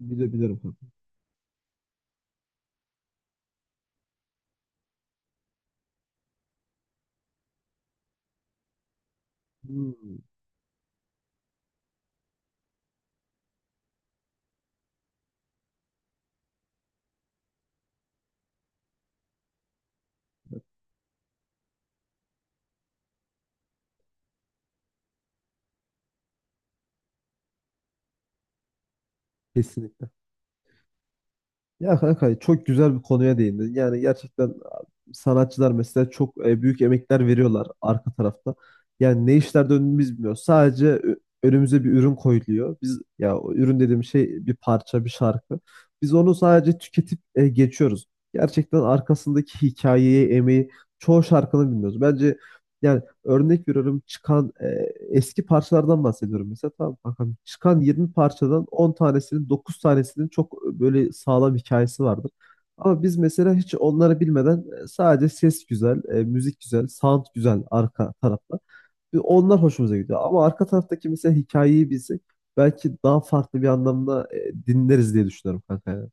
Biliyorum kanka. Hmm. Kesinlikle. Ya kanka çok güzel bir konuya değindin. Yani gerçekten sanatçılar mesela çok büyük emekler veriyorlar arka tarafta. Yani ne işler döndüğünü biz bilmiyoruz. Sadece önümüze bir ürün koyuluyor. Biz ya o ürün dediğim şey bir parça, bir şarkı. Biz onu sadece tüketip geçiyoruz. Gerçekten arkasındaki hikayeyi, emeği çoğu şarkını bilmiyoruz. Bence yani örnek veriyorum çıkan eski parçalardan bahsediyorum mesela tamam kankam çıkan 20 parçadan 10 tanesinin 9 tanesinin çok böyle sağlam hikayesi vardır. Ama biz mesela hiç onları bilmeden sadece ses güzel, müzik güzel, sound güzel arka tarafta. Ve onlar hoşumuza gidiyor. Ama arka taraftaki mesela hikayeyi bilsek belki daha farklı bir anlamda dinleriz diye düşünüyorum kanka ya.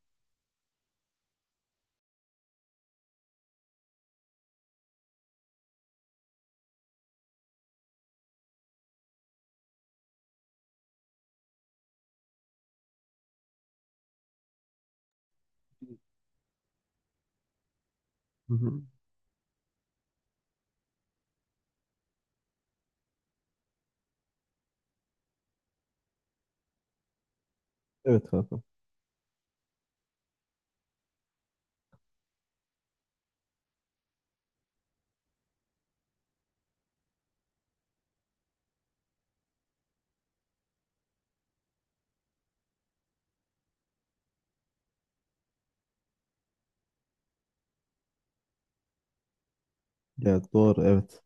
Hı hı. Evet kanka. Ya doğru evet.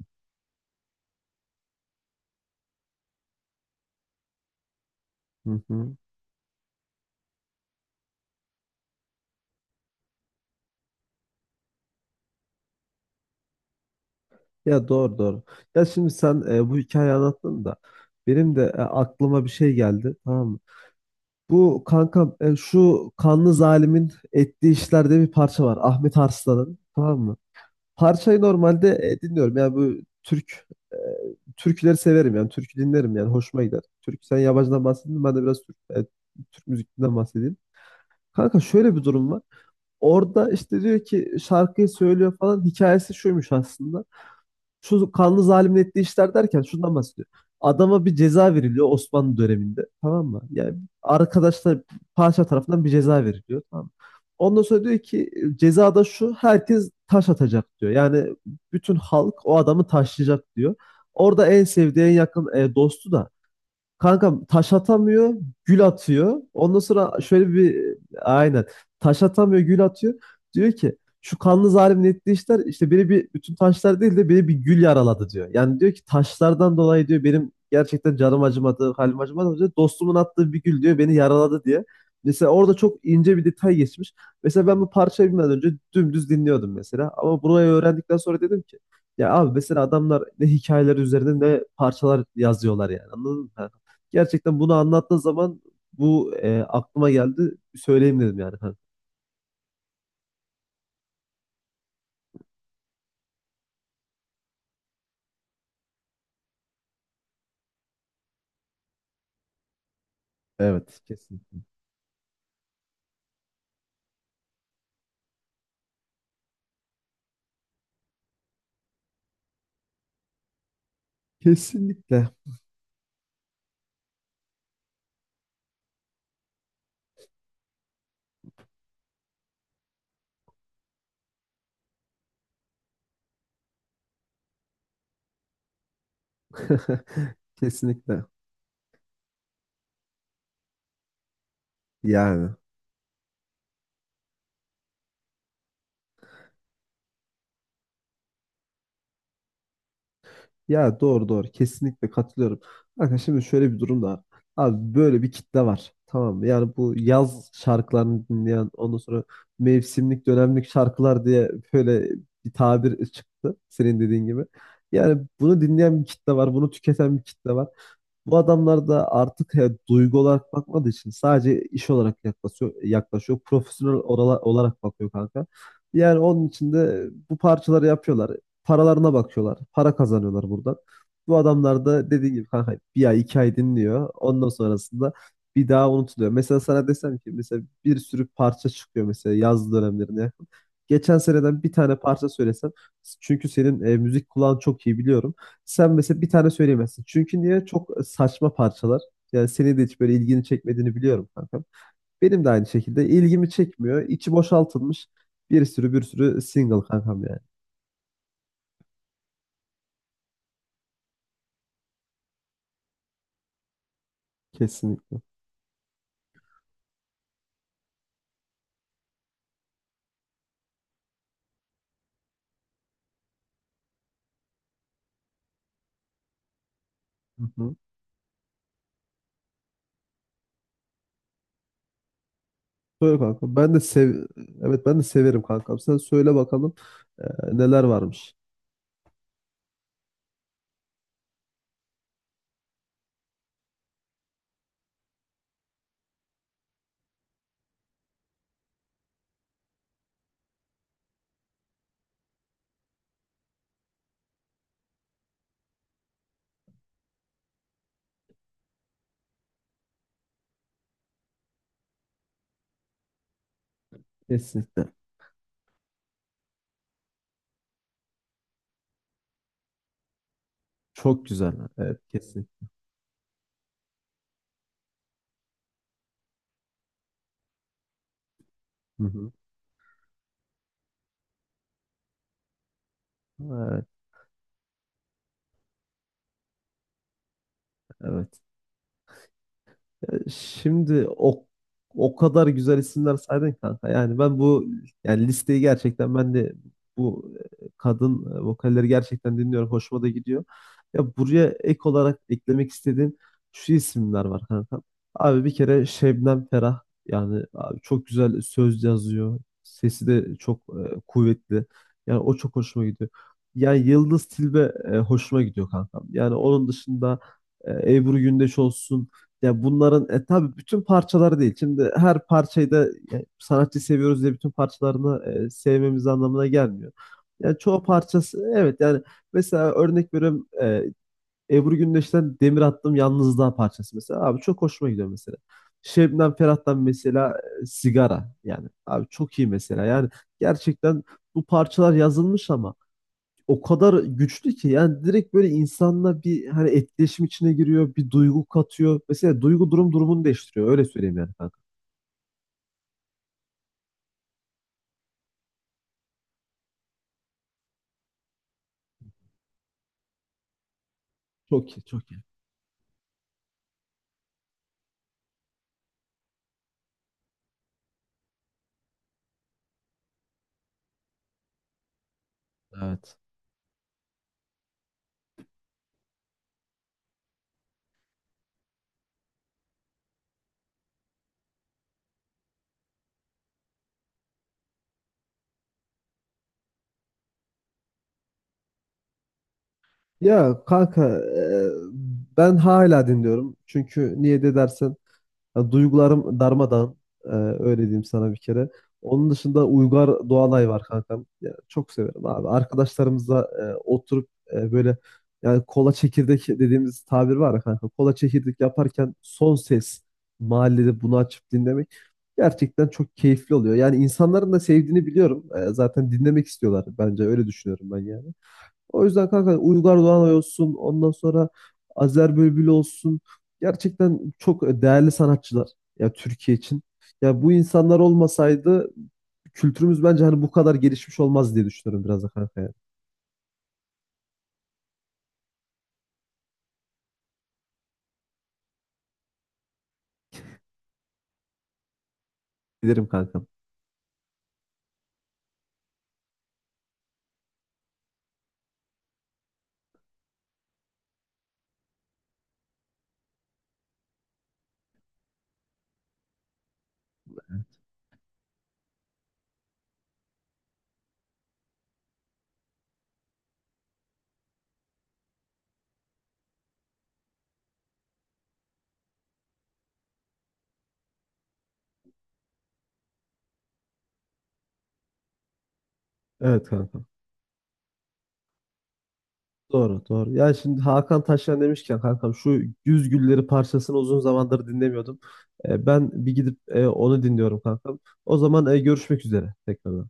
Hı hı. Ya doğru doğru. Ya şimdi sen bu hikayeyi anlattın da benim de aklıma bir şey geldi, tamam mı? Bu kankam şu kanlı zalimin ettiği işlerde bir parça var. Ahmet Arslan'ın, tamam mı? Parçayı normalde dinliyorum. Yani bu e, türküleri severim, yani türkü dinlerim yani hoşuma gider. Türk, sen yabancıdan bahsettin, ben de biraz Türk müziğinden bahsedeyim. Kanka şöyle bir durum var. Orada işte diyor ki şarkıyı söylüyor falan, hikayesi şuymuş aslında, şu kanlı zalimin ettiği işler derken şundan bahsediyor. Adama bir ceza veriliyor Osmanlı döneminde. Tamam mı? Yani arkadaşlar padişah tarafından bir ceza veriliyor. Tamam mı? Ondan sonra diyor ki ceza da şu, herkes taş atacak diyor. Yani bütün halk o adamı taşlayacak diyor. Orada en sevdiği en yakın dostu da kankam taş atamıyor, gül atıyor. Ondan sonra şöyle bir aynen taş atamıyor, gül atıyor. Diyor ki şu kanlı zalimin ettiği işler işte, beni bir bütün taşlar değil de beni bir gül yaraladı diyor. Yani diyor ki taşlardan dolayı diyor benim gerçekten canım acımadı, halim acımadı diyor. Dostumun attığı bir gül diyor beni yaraladı diye. Mesela orada çok ince bir detay geçmiş. Mesela ben bu parçayı bilmeden önce dümdüz dinliyordum mesela. Ama burayı öğrendikten sonra dedim ki ya abi, mesela adamlar ne hikayeler üzerine ne parçalar yazıyorlar, yani anladın mı? Gerçekten bunu anlattığın zaman bu aklıma geldi. Söyleyeyim dedim kanka. Evet, kesinlikle. Kesinlikle. Kesinlikle. Yani. Ya doğru doğru. Kesinlikle katılıyorum. Bakın şimdi şöyle bir durum da var. Abi böyle bir kitle var. Tamam mı? Yani bu yaz şarkılarını dinleyen, ondan sonra mevsimlik dönemlik şarkılar diye böyle bir tabir çıktı. Senin dediğin gibi. Yani bunu dinleyen bir kitle var. Bunu tüketen bir kitle var. Bu adamlar da artık duygu olarak bakmadığı için sadece iş olarak yaklaşıyor, yaklaşıyor. Profesyonel olarak bakıyor kanka. Yani onun için de bu parçaları yapıyorlar. Paralarına bakıyorlar. Para kazanıyorlar buradan. Bu adamlar da dediğim gibi kanka bir ay iki ay dinliyor. Ondan sonrasında bir daha unutuluyor. Mesela sana desem ki mesela bir sürü parça çıkıyor mesela yaz dönemlerine yakın. Geçen seneden bir tane parça söylesem, çünkü senin müzik kulağın çok iyi biliyorum. Sen mesela bir tane söyleyemezsin. Çünkü niye? Çok saçma parçalar. Yani senin de hiç böyle ilgini çekmediğini biliyorum kankam. Benim de aynı şekilde ilgimi çekmiyor. İçi boşaltılmış bir sürü bir sürü single kankam yani. Kesinlikle. Hı hı. Söyle kankam. Ben de sev Evet, ben de severim kankam. Sen söyle bakalım e, neler varmış. Kesinlikle. Çok güzel. Evet kesin. Hı hı. Evet, evet. Ya şimdi o kadar güzel isimler saydın ki kanka. Yani ben bu yani listeyi gerçekten ben de bu kadın vokalleri gerçekten dinliyorum. Hoşuma da gidiyor. Ya buraya ek olarak eklemek istediğim şu isimler var kanka. Abi bir kere Şebnem Ferah, yani abi çok güzel söz yazıyor. Sesi de çok kuvvetli. Yani o çok hoşuma gidiyor. Yani Yıldız Tilbe hoşuma gidiyor kanka. Yani onun dışında Ebru Gündeş olsun, ya bunların tabii bütün parçaları değil. Şimdi her parçayı da sanatçı seviyoruz diye bütün parçalarını sevmemiz anlamına gelmiyor. Yani çoğu parçası evet, yani mesela örnek veriyorum Ebru Gündeş'ten Demir Attım Yalnızlığa parçası mesela. Abi çok hoşuma gidiyor mesela. Şebnem Ferah'tan mesela Sigara, yani abi çok iyi mesela. Yani gerçekten bu parçalar yazılmış ama o kadar güçlü ki, yani direkt böyle insanla bir hani etkileşim içine giriyor, bir duygu katıyor. Mesela duygu durumunu değiştiriyor. Öyle söyleyeyim yani kanka. Çok iyi, çok iyi. Evet. Ya kanka ben hala dinliyorum. Çünkü niye de dersen, ya duygularım darmadağın. Ee, Öyle diyeyim sana bir kere. Onun dışında Uygar Doğanay var kankam. Ya, çok severim abi. Arkadaşlarımızla oturup böyle yani kola çekirdek dediğimiz tabir var ya kanka. Kola çekirdek yaparken son ses mahallede bunu açıp dinlemek gerçekten çok keyifli oluyor. Yani insanların da sevdiğini biliyorum. Zaten dinlemek istiyorlar, bence öyle düşünüyorum ben yani. O yüzden kanka Uygar Doğanay olsun, ondan sonra Azer Bülbül olsun. Gerçekten çok değerli sanatçılar ya Türkiye için. Ya bu insanlar olmasaydı kültürümüz bence hani bu kadar gelişmiş olmaz diye düşünüyorum biraz da kanka yani. Bilirim kankam. Evet kankam. Doğru doğru. Ya şimdi Hakan Taşyan demişken kankam şu Güz Gülleri parçasını uzun zamandır dinlemiyordum. Ben bir gidip onu dinliyorum kankam. O zaman görüşmek üzere tekrardan.